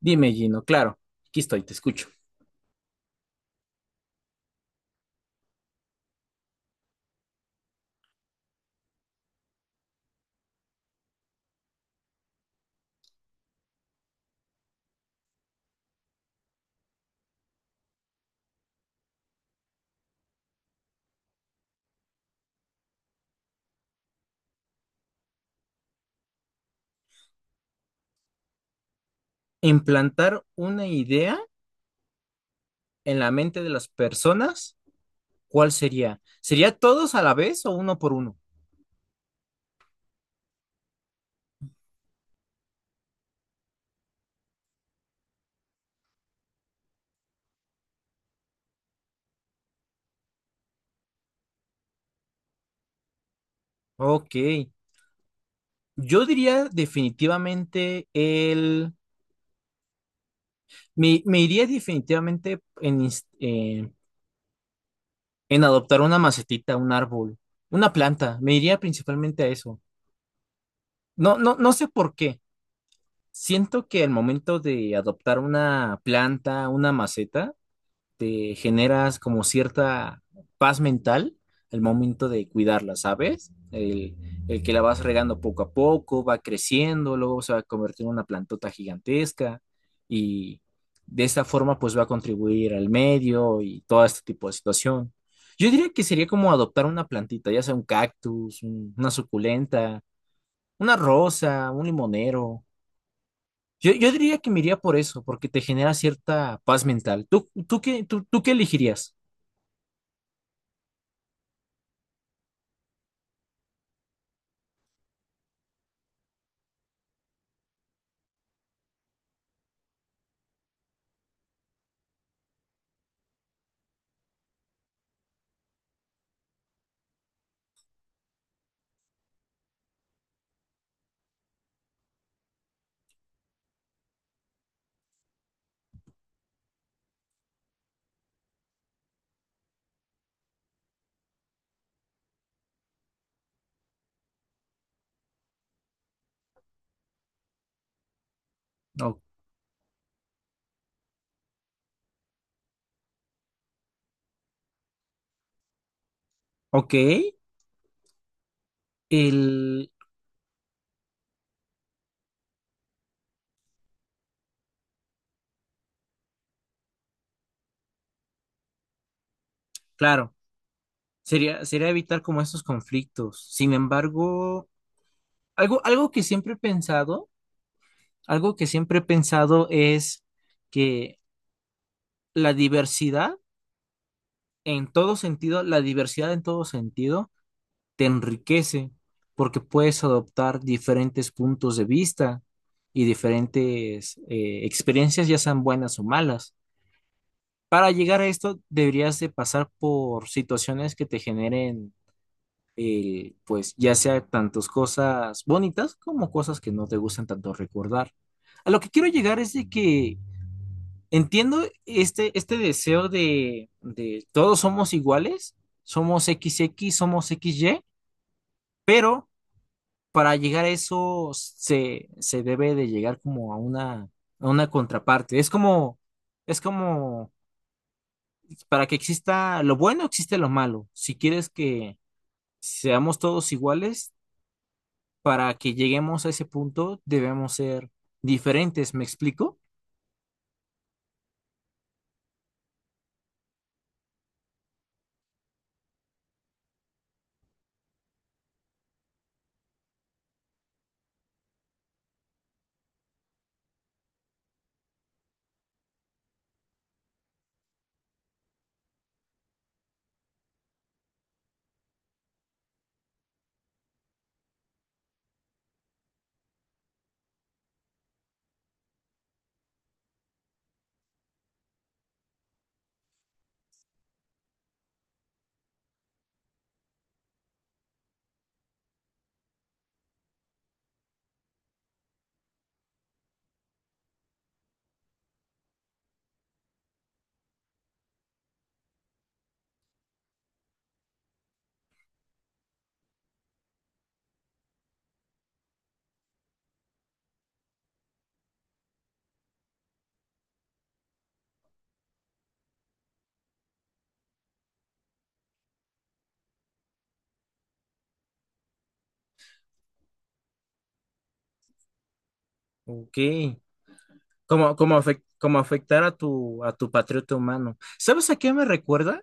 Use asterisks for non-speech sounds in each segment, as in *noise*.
Dime, Gino, claro, aquí estoy, te escucho. Implantar una idea en la mente de las personas, ¿cuál sería? ¿Sería todos a la vez o uno por uno? Ok, yo diría definitivamente me iría definitivamente en adoptar una macetita, un árbol, una planta. Me iría principalmente a eso. No, no, no sé por qué. Siento que el momento de adoptar una planta, una maceta, te generas como cierta paz mental al momento de cuidarla, ¿sabes? El que la vas regando poco a poco, va creciendo, luego se va a convertir en una plantota gigantesca y de esta forma pues va a contribuir al medio y todo este tipo de situación. Yo diría que sería como adoptar una plantita, ya sea un cactus, una suculenta, una rosa, un limonero. Yo diría que me iría por eso, porque te genera cierta paz mental. ¿Tú qué elegirías? O- ok, el, claro, sería evitar como estos conflictos. Sin embargo, algo que siempre he pensado, es que la diversidad en todo sentido, la diversidad en todo sentido te enriquece porque puedes adoptar diferentes puntos de vista y diferentes experiencias, ya sean buenas o malas. Para llegar a esto, deberías de pasar por situaciones que te generen pues ya sea tantas cosas bonitas como cosas que no te gustan tanto recordar. A lo que quiero llegar es de que entiendo este deseo de todos somos iguales, somos XX, somos XY, pero para llegar a eso se debe de llegar como a una contraparte. Es como, para que exista lo bueno, existe lo malo. Si quieres que seamos todos iguales, para que lleguemos a ese punto, debemos ser diferentes, ¿me explico? Ok. Como afectar a tu patriota humano. ¿Sabes a qué me recuerda?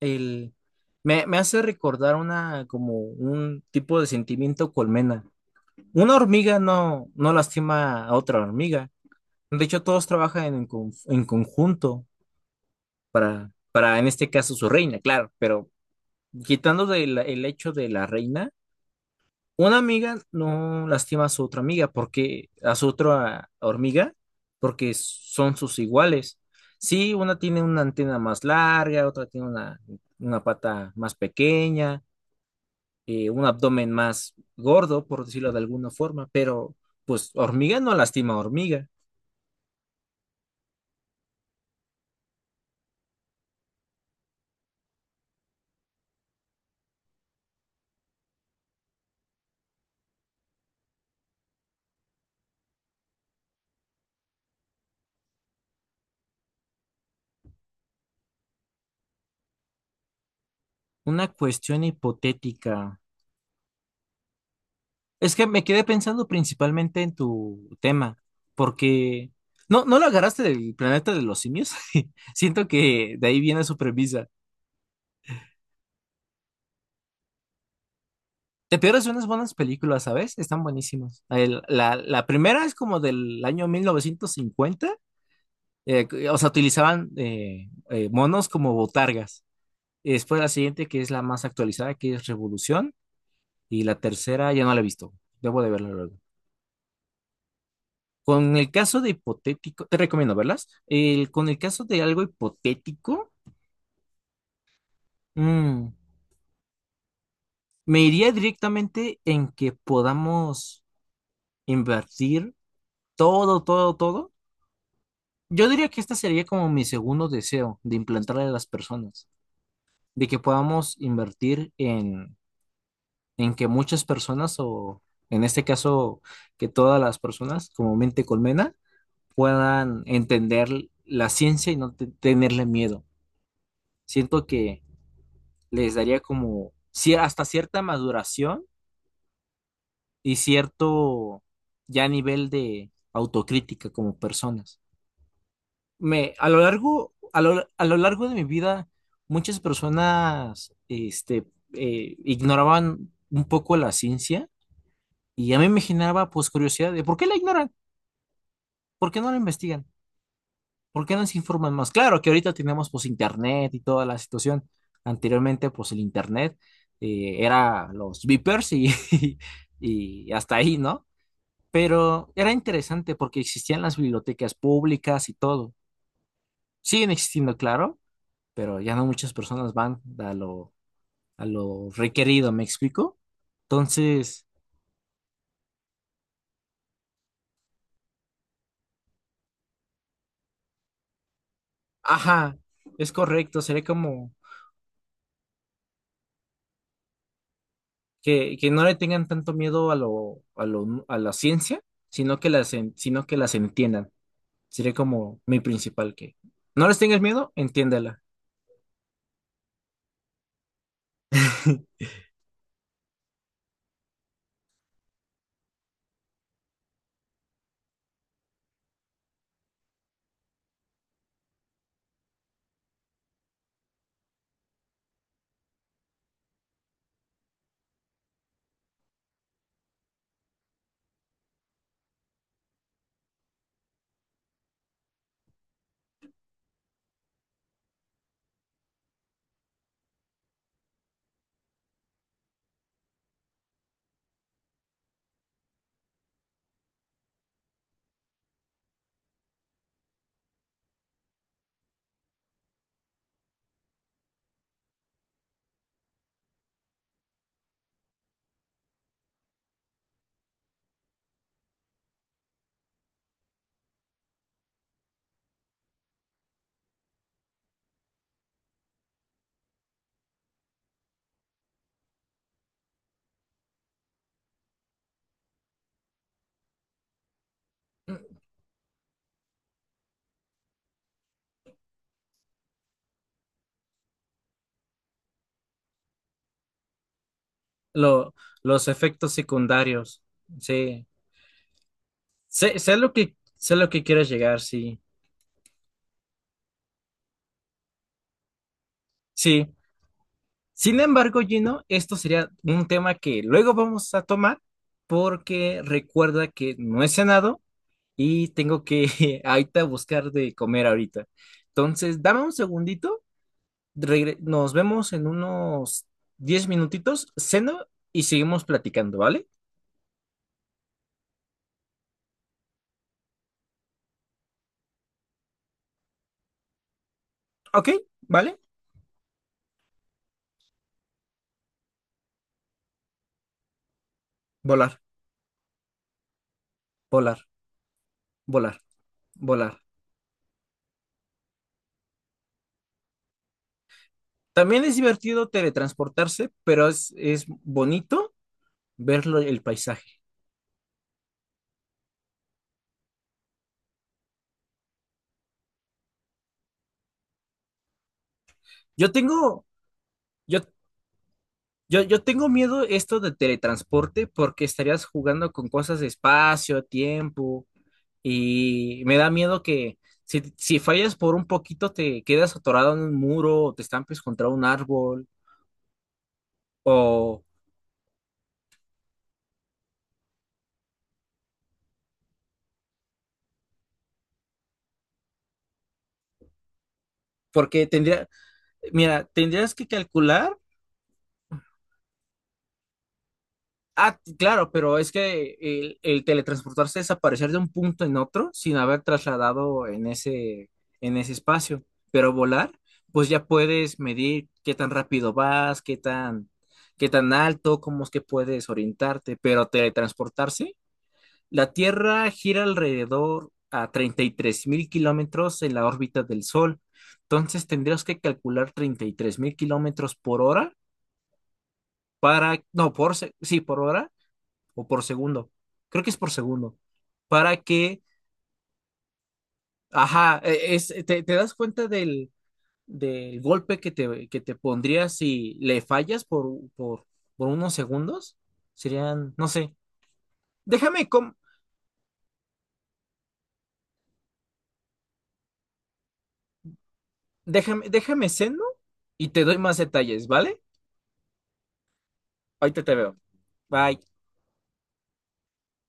El, me hace recordar como un tipo de sentimiento colmena. Una hormiga no lastima a otra hormiga. De hecho, todos trabajan en conjunto para, en este caso, su reina, claro, pero quitando el hecho de la reina. Una amiga no lastima a su otra amiga porque a su otra hormiga porque son sus iguales. Sí, una tiene una antena más larga, otra tiene una pata más pequeña, un abdomen más gordo, por decirlo de alguna forma, pero pues hormiga no lastima a hormiga. Una cuestión hipotética. Es que me quedé pensando principalmente en tu tema, porque no lo agarraste del planeta de los simios. *laughs* Siento que de ahí viene su premisa. Te pierdes unas buenas películas, ¿sabes? Están buenísimas. La primera es como del año 1950, o sea, utilizaban monos como botargas. Y después la siguiente, que es la más actualizada, que es Revolución, y la tercera ya no la he visto. Debo de verla luego. Con el caso de hipotético, te recomiendo verlas. Con el caso de algo hipotético, mm, me iría directamente en que podamos invertir todo, todo, todo. Yo diría que este sería como mi segundo deseo de implantarle a las personas, de que podamos invertir en que muchas personas, o en este caso, que todas las personas, como mente colmena, puedan entender la ciencia y no tenerle miedo. Siento que les daría como cier- hasta cierta maduración y cierto ya nivel de autocrítica como personas. Me, a lo largo de mi vida, muchas personas ignoraban un poco la ciencia y a mí me generaba pues curiosidad de por qué la ignoran, por qué no la investigan. ¿Por qué no se informan más? Claro que ahorita tenemos pues internet y toda la situación. Anteriormente pues el internet era los beepers y, *laughs* y hasta ahí, ¿no? Pero era interesante porque existían las bibliotecas públicas y todo. Siguen existiendo, claro, pero ya no muchas personas van a lo, requerido, ¿me explico? Entonces, ajá, es correcto, sería como que no le tengan tanto miedo a lo, a la ciencia, sino que las entiendan. Sería como mi principal, que no les tengas miedo, entiéndela. *laughs* Lo- los efectos secundarios, sí. Sé, sé lo que quieres llegar, sí. Sí. Sin embargo, Gino, esto sería un tema que luego vamos a tomar porque recuerda que no he cenado y tengo que *laughs* ahorita buscar de comer ahorita. Entonces, dame un segundito nos vemos en unos 10 minutitos, ceno y seguimos platicando, ¿vale? Ok, ¿vale? Volar, volar, volar, volar. También es divertido teletransportarse, pero es bonito ver el paisaje. Yo tengo, yo, yo tengo miedo esto de teletransporte porque estarías jugando con cosas de espacio, tiempo, y me da miedo que si fallas por un poquito te quedas atorado en un muro o te estampes contra un árbol. O porque tendría, mira, tendrías que calcular. Ah, claro, pero es que el teletransportarse es aparecer de un punto en otro sin haber trasladado en ese, espacio. Pero volar, pues ya puedes medir qué tan rápido vas, qué tan alto, cómo es que puedes orientarte. Pero teletransportarse la Tierra gira alrededor a 33.000 kilómetros en la órbita del Sol. Entonces tendrías que calcular 33.000 kilómetros por hora para, no, por, sí, por hora o por segundo. Creo que es por segundo. Para que, ajá, es, te das cuenta del golpe que te pondría si le fallas por unos segundos. Serían, no sé. Déjame, com- déjame seno y te doy más detalles, ¿vale? Ahorita te veo. Bye.